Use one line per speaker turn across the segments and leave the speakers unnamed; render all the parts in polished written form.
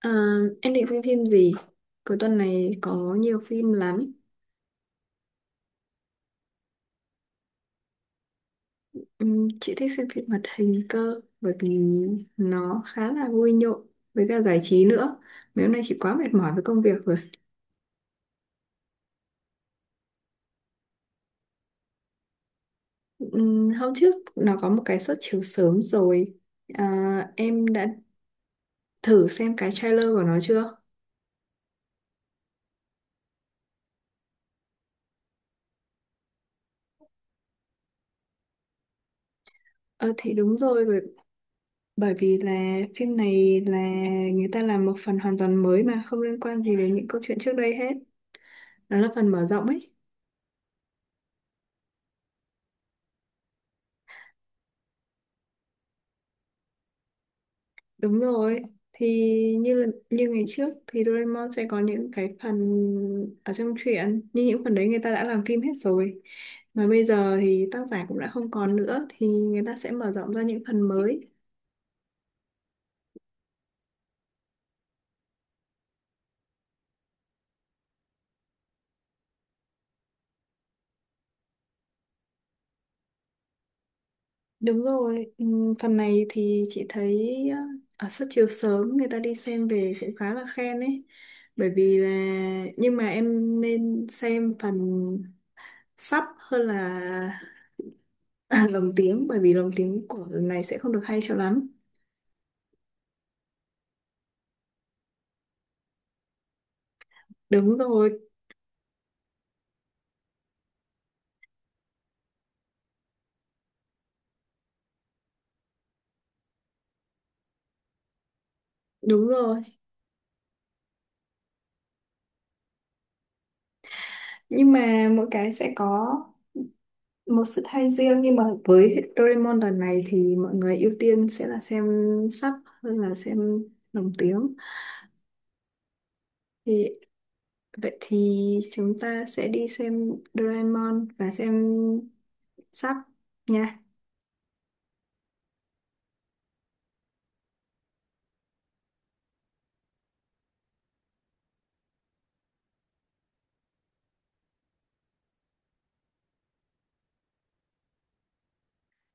À, em định xem phim gì? Cuối tuần này có nhiều phim lắm. Chị thích xem phim hoạt hình cơ bởi vì nó khá là vui nhộn với cả giải trí nữa. Mấy hôm nay chị quá mệt mỏi với công việc rồi. Hôm trước nó có một cái suất chiếu sớm rồi. À, em đã thử xem cái trailer của nó chưa? Ờ thì đúng rồi, bởi bởi vì là phim này là người ta làm một phần hoàn toàn mới mà không liên quan gì đến những câu chuyện trước đây hết. Nó là phần mở rộng ấy. Đúng rồi, thì như là, như ngày trước thì Doraemon sẽ có những cái phần ở trong truyện, nhưng những phần đấy người ta đã làm phim hết rồi. Mà bây giờ thì tác giả cũng đã không còn nữa thì người ta sẽ mở rộng ra những phần mới. Đúng rồi, phần này thì chị thấy ờ, ở suất chiếu sớm người ta đi xem về cũng khá là khen ấy. Bởi vì là nhưng mà em nên xem phần sắp hơn là lồng tiếng bởi vì lồng tiếng của lần này sẽ không được hay cho lắm. Đúng rồi, đúng rồi. Nhưng mà mỗi cái sẽ có một sự thay riêng nhưng mà với Doraemon lần này thì mọi người ưu tiên sẽ là xem sub hơn là xem lồng tiếng. Thì vậy thì chúng ta sẽ đi xem Doraemon và xem sub nha.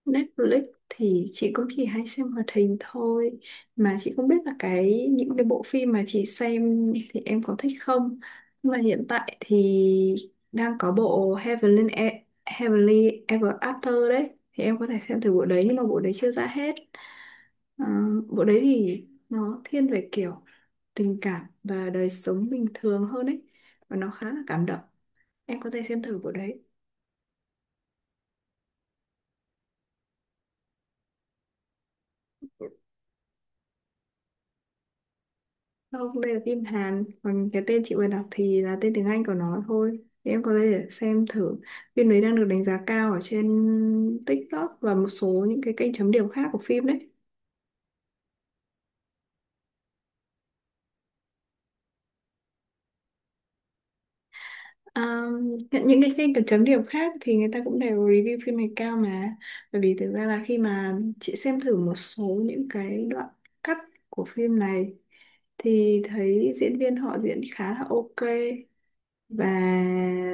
Netflix thì chị cũng chỉ hay xem hoạt hình thôi mà chị không biết là cái những cái bộ phim mà chị xem thì em có thích không, nhưng mà hiện tại thì đang có bộ Heavenly, Heavenly Ever After đấy thì em có thể xem từ bộ đấy nhưng mà bộ đấy chưa ra hết. Ờ, bộ đấy thì nó thiên về kiểu tình cảm và đời sống bình thường hơn ấy, và nó khá là cảm động, em có thể xem thử bộ đấy. Không, đây là phim Hàn, còn cái tên chị vừa đọc thì là tên tiếng Anh của nó thôi. Thì em có thể để xem thử. Phim đấy đang được đánh giá cao ở trên TikTok và một số những cái kênh chấm điểm khác của phim đấy. À, những cái kênh chấm chấm điểm khác thì người ta cũng đều review phim này cao mà. Bởi vì thực ra là khi mà chị xem thử một số những cái đoạn cắt của phim này thì thấy diễn viên họ diễn khá là ok, và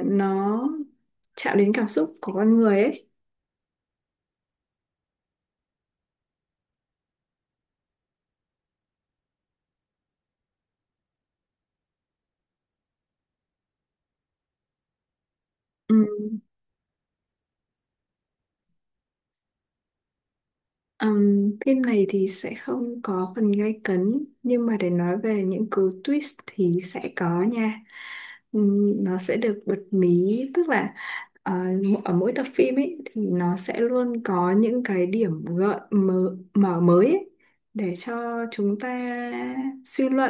nó chạm đến cảm xúc của con người ấy. Ừm, phim này thì sẽ không có phần gay cấn nhưng mà để nói về những cú twist thì sẽ có nha. Nó sẽ được bật mí, tức là ờ, ở mỗi tập phim ấy thì nó sẽ luôn có những cái điểm gợi mở, mở mới ấy, để cho chúng ta suy luận,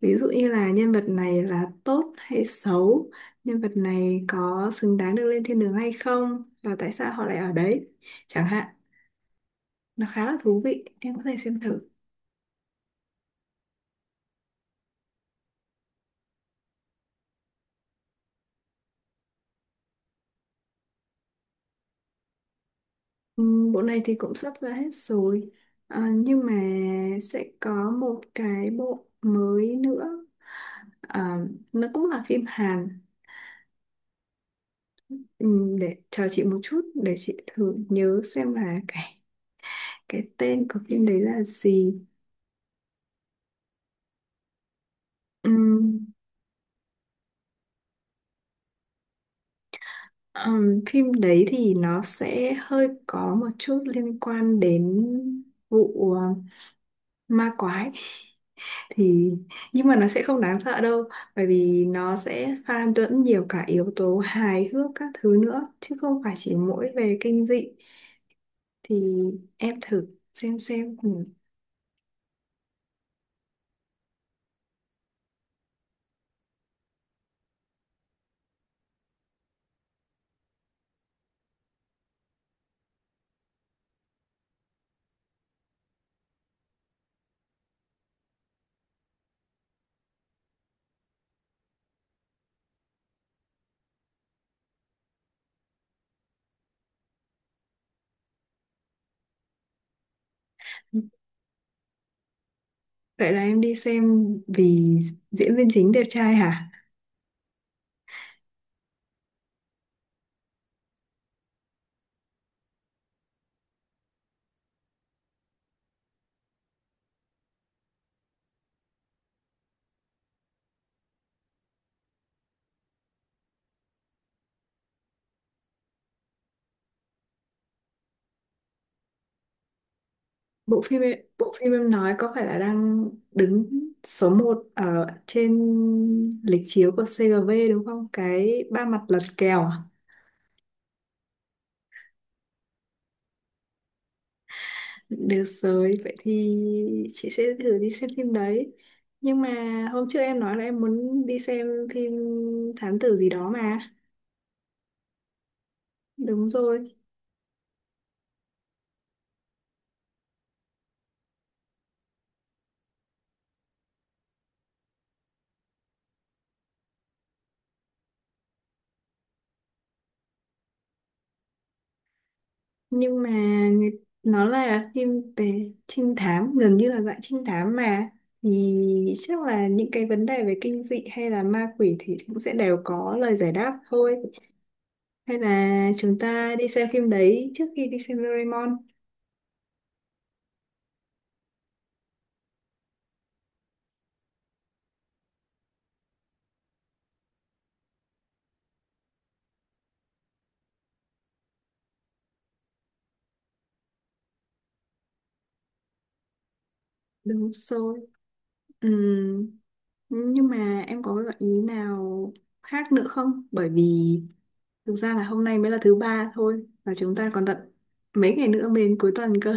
ví dụ như là nhân vật này là tốt hay xấu, nhân vật này có xứng đáng được lên thiên đường hay không và tại sao họ lại ở đấy chẳng hạn. Nó khá là thú vị, em có thể xem thử. Bộ này thì cũng sắp ra hết rồi. À, nhưng mà sẽ có một cái bộ mới nữa. À, nó cũng là phim Hàn. Để chờ chị một chút để chị thử nhớ xem là cái tên của phim đấy là gì. Ừm, phim đấy thì nó sẽ hơi có một chút liên quan đến vụ ma quái, thì nhưng mà nó sẽ không đáng sợ đâu bởi vì nó sẽ pha lẫn nhiều cả yếu tố hài hước các thứ nữa chứ không phải chỉ mỗi về kinh dị. Thì em thử xem xem. Ừ, vậy là em đi xem vì diễn viên chính đẹp trai hả? Bộ phim em nói có phải là đang đứng số một ở trên lịch chiếu của CGV đúng không, cái ba mặt lật kèo? Được rồi, vậy thì chị sẽ thử đi xem phim đấy. Nhưng mà hôm trước em nói là em muốn đi xem phim thám tử gì đó mà. Đúng rồi. Nhưng mà nó là phim về trinh thám, gần như là dạng trinh thám mà. Thì chắc là những cái vấn đề về kinh dị hay là ma quỷ thì cũng sẽ đều có lời giải đáp thôi. Hay là chúng ta đi xem phim đấy trước khi đi xem Doraemon. Đúng rồi. Ừ, nhưng mà em có gợi ý nào khác nữa không? Bởi vì thực ra là hôm nay mới là thứ ba thôi và chúng ta còn tận mấy ngày nữa mới đến cuối tuần cơ.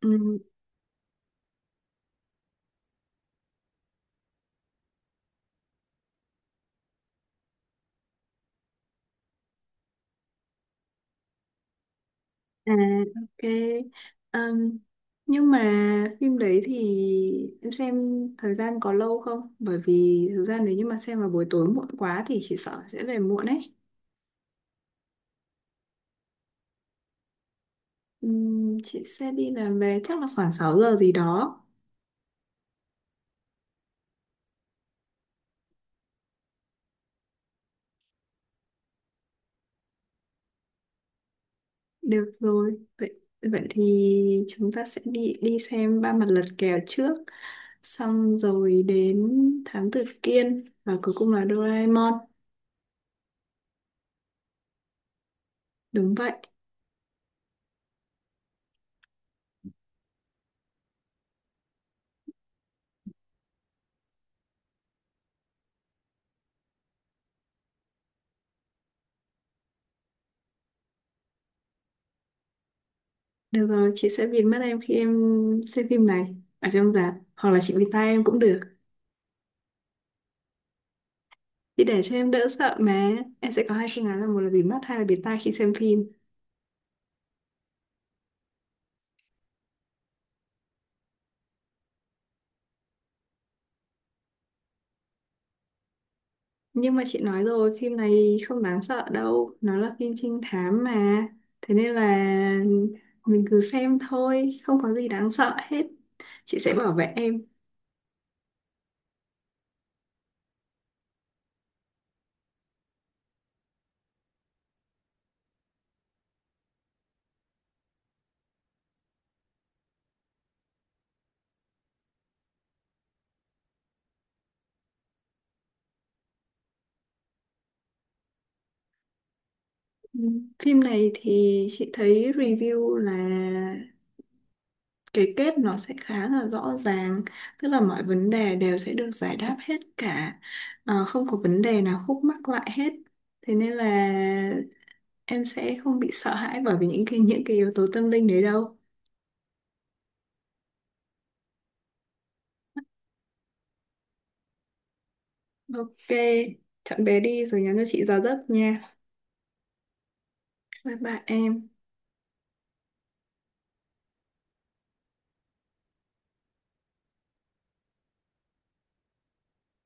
Ừ, à, ok. Ừm, nhưng mà phim đấy thì em xem thời gian có lâu không? Bởi vì thực ra nếu như mà xem vào buổi tối muộn quá thì chị sợ sẽ về muộn ấy. Chị sẽ đi làm về chắc là khoảng 6 giờ gì đó. Được rồi, vậy vậy thì chúng ta sẽ đi đi xem ba mặt lật kèo trước, xong rồi đến Thám Tử Kiên và cuối cùng là Doraemon. Đúng vậy. Được rồi, chị sẽ bịt mắt em khi em xem phim này ở trong rạp, hoặc là chị bịt tai em cũng được. Chị để cho em đỡ sợ mà. Em sẽ có hai phương án là một là bịt mắt, hai là bịt tai khi xem phim. Nhưng mà chị nói rồi, phim này không đáng sợ đâu. Nó là phim trinh thám mà. Thế nên là mình cứ xem thôi, không có gì đáng sợ hết. Chị sẽ bảo vệ em. Ừ. Phim này thì chị thấy review là cái kết nó sẽ khá là rõ ràng. Tức là mọi vấn đề đều sẽ được giải đáp hết cả. Ờ, không có vấn đề nào khúc mắc lại hết. Thế nên là em sẽ không bị sợ hãi bởi vì những cái yếu tố tâm linh đấy đâu. Ok, chọn bé đi rồi nhắn cho chị giờ giấc nha. Bye bye em.